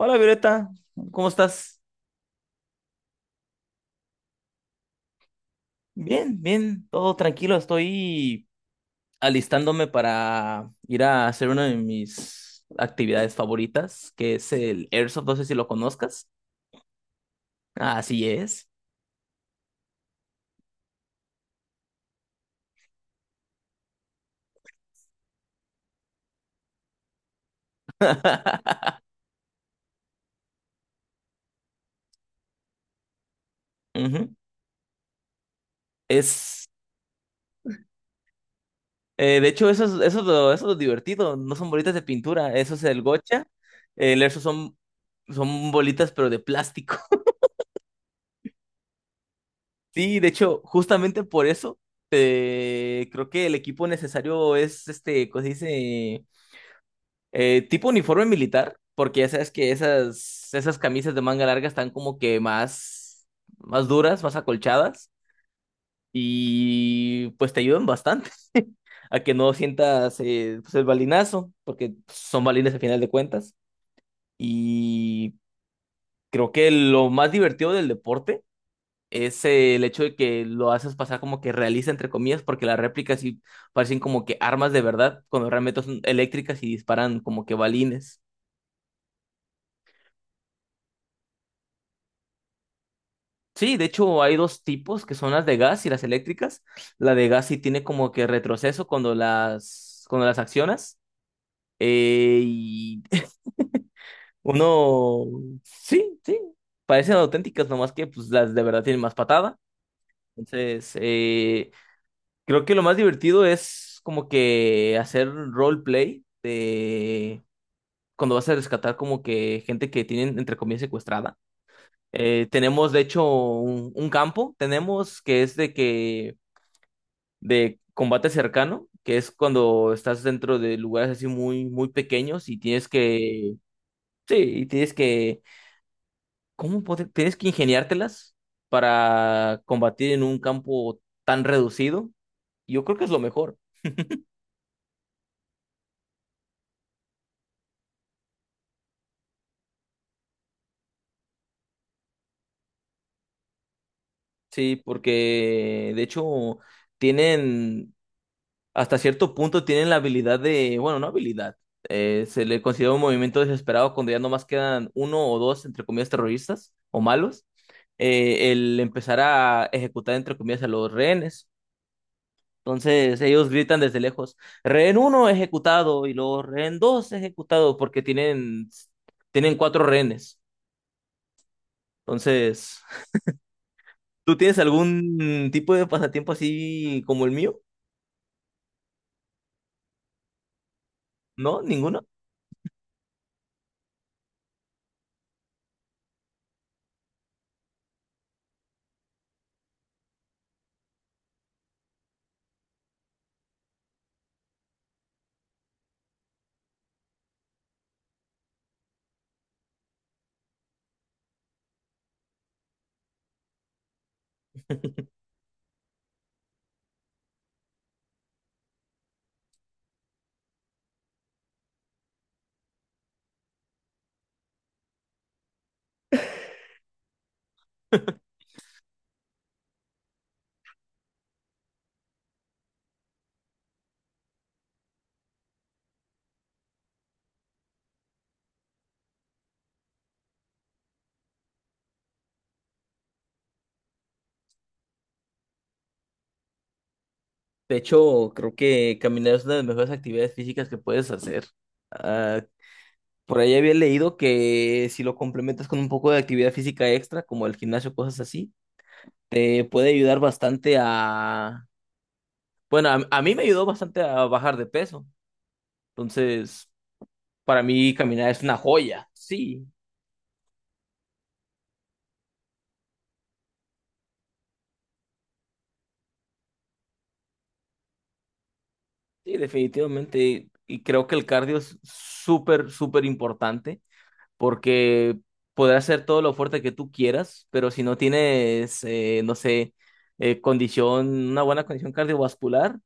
Hola Violeta, ¿cómo estás? Bien, bien, todo tranquilo. Estoy alistándome para ir a hacer una de mis actividades favoritas, que es el Airsoft. No sé si lo conozcas. Así es. Ujú. Es, de hecho, eso es lo divertido. No son bolitas de pintura, eso es el gocha. El Airsoft son bolitas, pero de plástico. Sí, de hecho, justamente por eso, creo que el equipo necesario es este, ¿cómo se dice? Tipo uniforme militar, porque ya sabes que esas camisas de manga larga están como que más, más duras, más acolchadas, y pues te ayudan bastante a que no sientas pues, el balinazo, porque son balines al final de cuentas. Y creo que lo más divertido del deporte es el hecho de que lo haces pasar como que realista, entre comillas, porque las réplicas sí parecen como que armas de verdad, cuando realmente son eléctricas y disparan como que balines. Sí, de hecho hay dos tipos que son las de gas y las eléctricas. La de gas sí tiene como que retroceso cuando las accionas. Y uno, sí, sí, parecen auténticas, nomás que pues las de verdad tienen más patada. Entonces, creo que lo más divertido es como que hacer roleplay de cuando vas a rescatar como que gente que tienen entre comillas secuestrada. Tenemos de hecho un campo, tenemos que es de que de combate cercano, que es cuando estás dentro de lugares así muy muy pequeños y tienes que sí, y tienes que tienes que ingeniártelas para combatir en un campo tan reducido. Yo creo que es lo mejor. Sí, porque de hecho tienen, hasta cierto punto tienen la habilidad de, bueno, no habilidad, se le considera un movimiento desesperado cuando ya nomás quedan uno o dos, entre comillas, terroristas o malos, el empezar a ejecutar, entre comillas, a los rehenes. Entonces ellos gritan desde lejos, rehén uno ejecutado y luego rehén dos ejecutado porque tienen cuatro rehenes. Entonces, ¿tú tienes algún tipo de pasatiempo así como el mío? ¿No? ¿Ninguno? De hecho, creo que caminar es una de las mejores actividades físicas que puedes hacer. Ah, por ahí había leído que si lo complementas con un poco de actividad física extra, como el gimnasio, cosas así, te puede ayudar bastante a... Bueno, a mí me ayudó bastante a bajar de peso. Entonces, para mí caminar es una joya. Sí, sí, definitivamente. Y creo que el cardio es súper, súper importante, porque podrás ser todo lo fuerte que tú quieras, pero si no tienes, no sé, condición, una buena condición cardiovascular,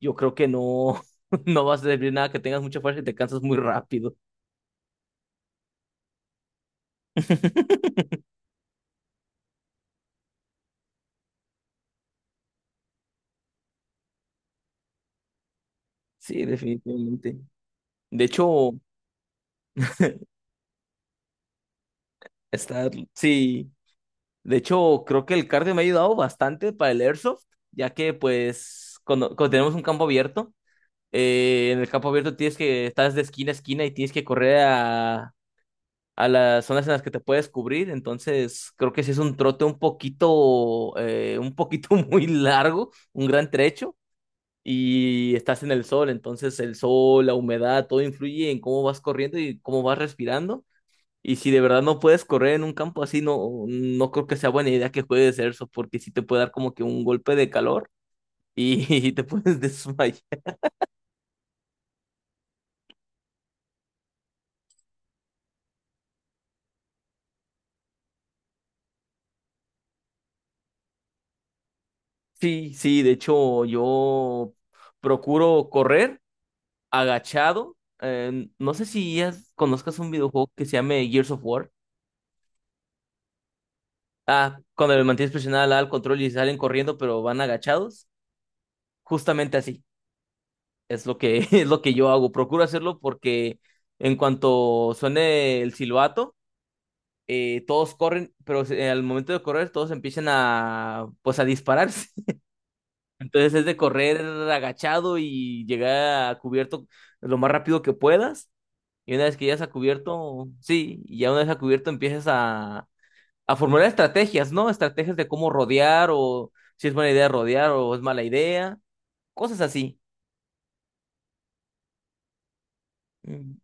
yo creo que no, no vas a servir nada que tengas mucha fuerza y te cansas muy rápido. Sí, definitivamente. De hecho, estar, sí, de hecho, creo que el cardio me ha ayudado bastante para el airsoft, ya que pues cuando tenemos un campo abierto, en el campo abierto tienes que, estás de esquina a esquina y tienes que correr a las zonas en las que te puedes cubrir, entonces creo que sí es un trote un poquito muy largo, un gran trecho, y estás en el sol, entonces el sol, la humedad, todo influye en cómo vas corriendo y cómo vas respirando, y si de verdad no puedes correr en un campo así, no, no creo que sea buena idea que juegues eso, porque sí te puede dar como que un golpe de calor y, y te puedes desmayar. Sí, sí, de hecho yo procuro correr agachado. No sé si ya conozcas un videojuego que se llame Gears of War. Ah, cuando le mantienes presionada la A al control y salen corriendo, pero van agachados. Justamente así. Es lo que yo hago. Procuro hacerlo porque en cuanto suene el silbato, todos corren, pero al momento de correr, todos empiezan a, pues, a dispararse. Entonces es de correr agachado y llegar a cubierto lo más rápido que puedas. Y una vez que ya se ha cubierto, sí, y ya una vez a cubierto empiezas a formular estrategias, ¿no? Estrategias de cómo rodear o si es buena idea rodear o es mala idea, cosas así. Mm.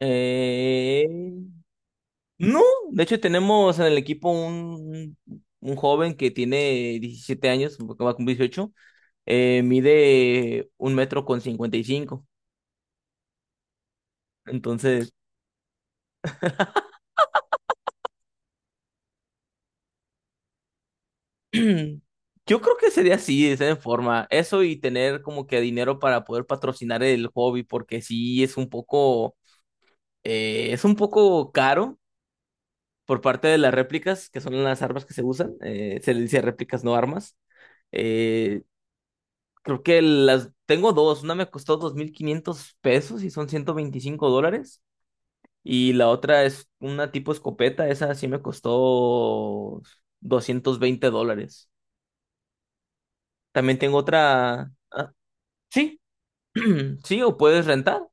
Eh, no, de hecho tenemos en el equipo un joven que tiene 17 años, que va a cumplir 18. Mide un metro con 55. Entonces, yo creo que sería así, de esa forma. Eso y tener como que dinero para poder patrocinar el hobby, porque sí es un poco caro por parte de las réplicas, que son las armas que se usan. Se le dice réplicas, no armas. Eh, creo que las tengo dos. Una me costó 2.500 pesos y son 125 dólares. Y la otra es una tipo escopeta. Esa sí me costó 220 dólares. También tengo otra. Sí, sí, o puedes rentar,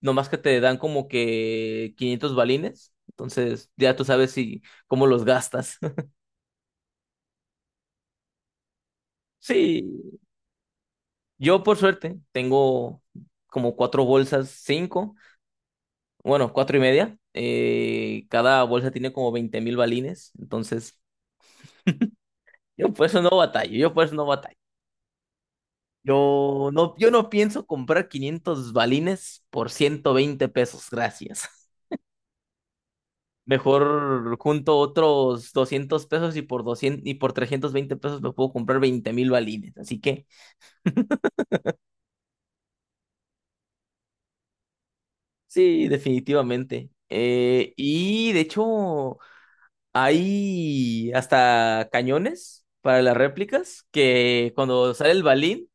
nomás que te dan como que 500 balines, entonces ya tú sabes si cómo los gastas. Sí, yo por suerte tengo como cuatro bolsas, cinco, bueno, cuatro y media. Cada bolsa tiene como 20 mil balines, entonces yo por eso no batallo, yo por eso no batallo. Yo no pienso comprar 500 balines por 120 pesos, gracias. Mejor junto otros 200 pesos y por 200 y por 320 pesos me puedo comprar 20.000 balines. Así que sí, definitivamente. Y de hecho, hay hasta cañones para las réplicas que cuando sale el balín,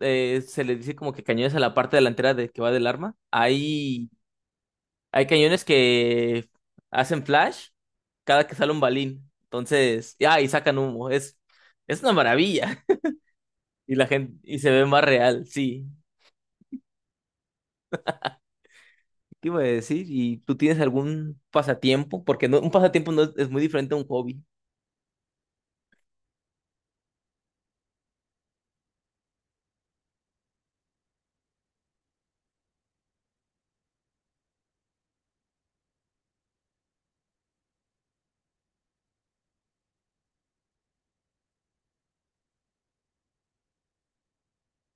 se le dice como que cañones a la parte delantera de que va del arma. Hay cañones que hacen flash cada que sale un balín. Entonces, ya, y sacan humo. Es una maravilla. Y la gente, y se ve más real, sí. ¿Qué iba a decir? ¿Y tú tienes algún pasatiempo? Porque no, un pasatiempo no es, es muy diferente a un hobby.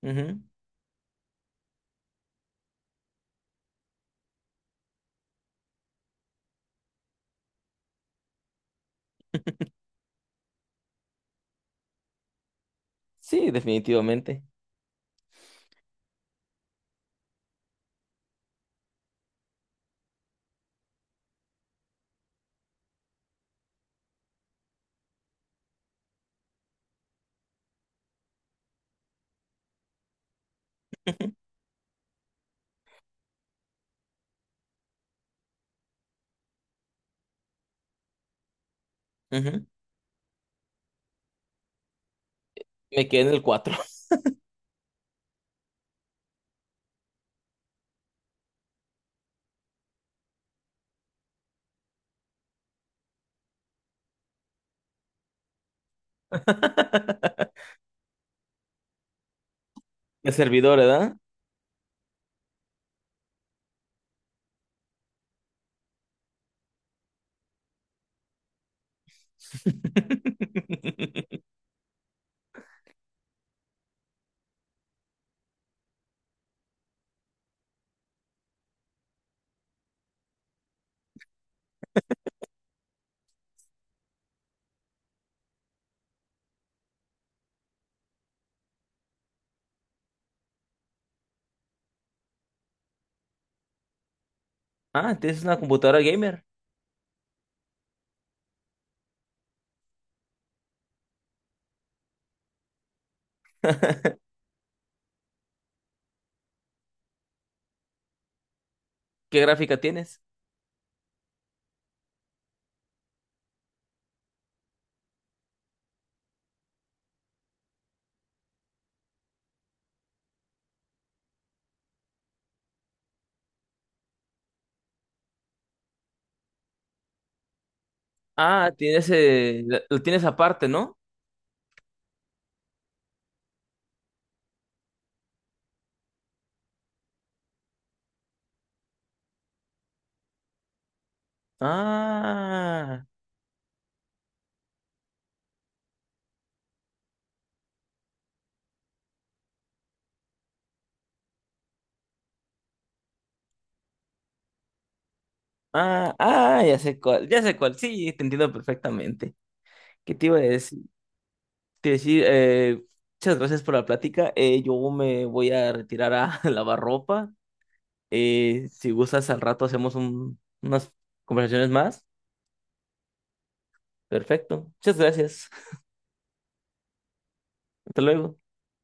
Ujú. Sí, definitivamente. Ujú. Me quedé en el cuatro. El servidor, ¿verdad? Ah, tienes una computadora gamer. ¿Qué gráfica tienes? Ah, tienes, lo tienes aparte, ¿no? Ah, ah, ah, ya sé cuál, ya sé cuál. Sí, te entiendo perfectamente. ¿Qué te iba a decir? Te decir, eh, Muchas gracias por la plática. Yo me voy a retirar a lavar ropa. Si gustas, al rato hacemos unas conversaciones más. Perfecto. Muchas gracias. Hasta luego.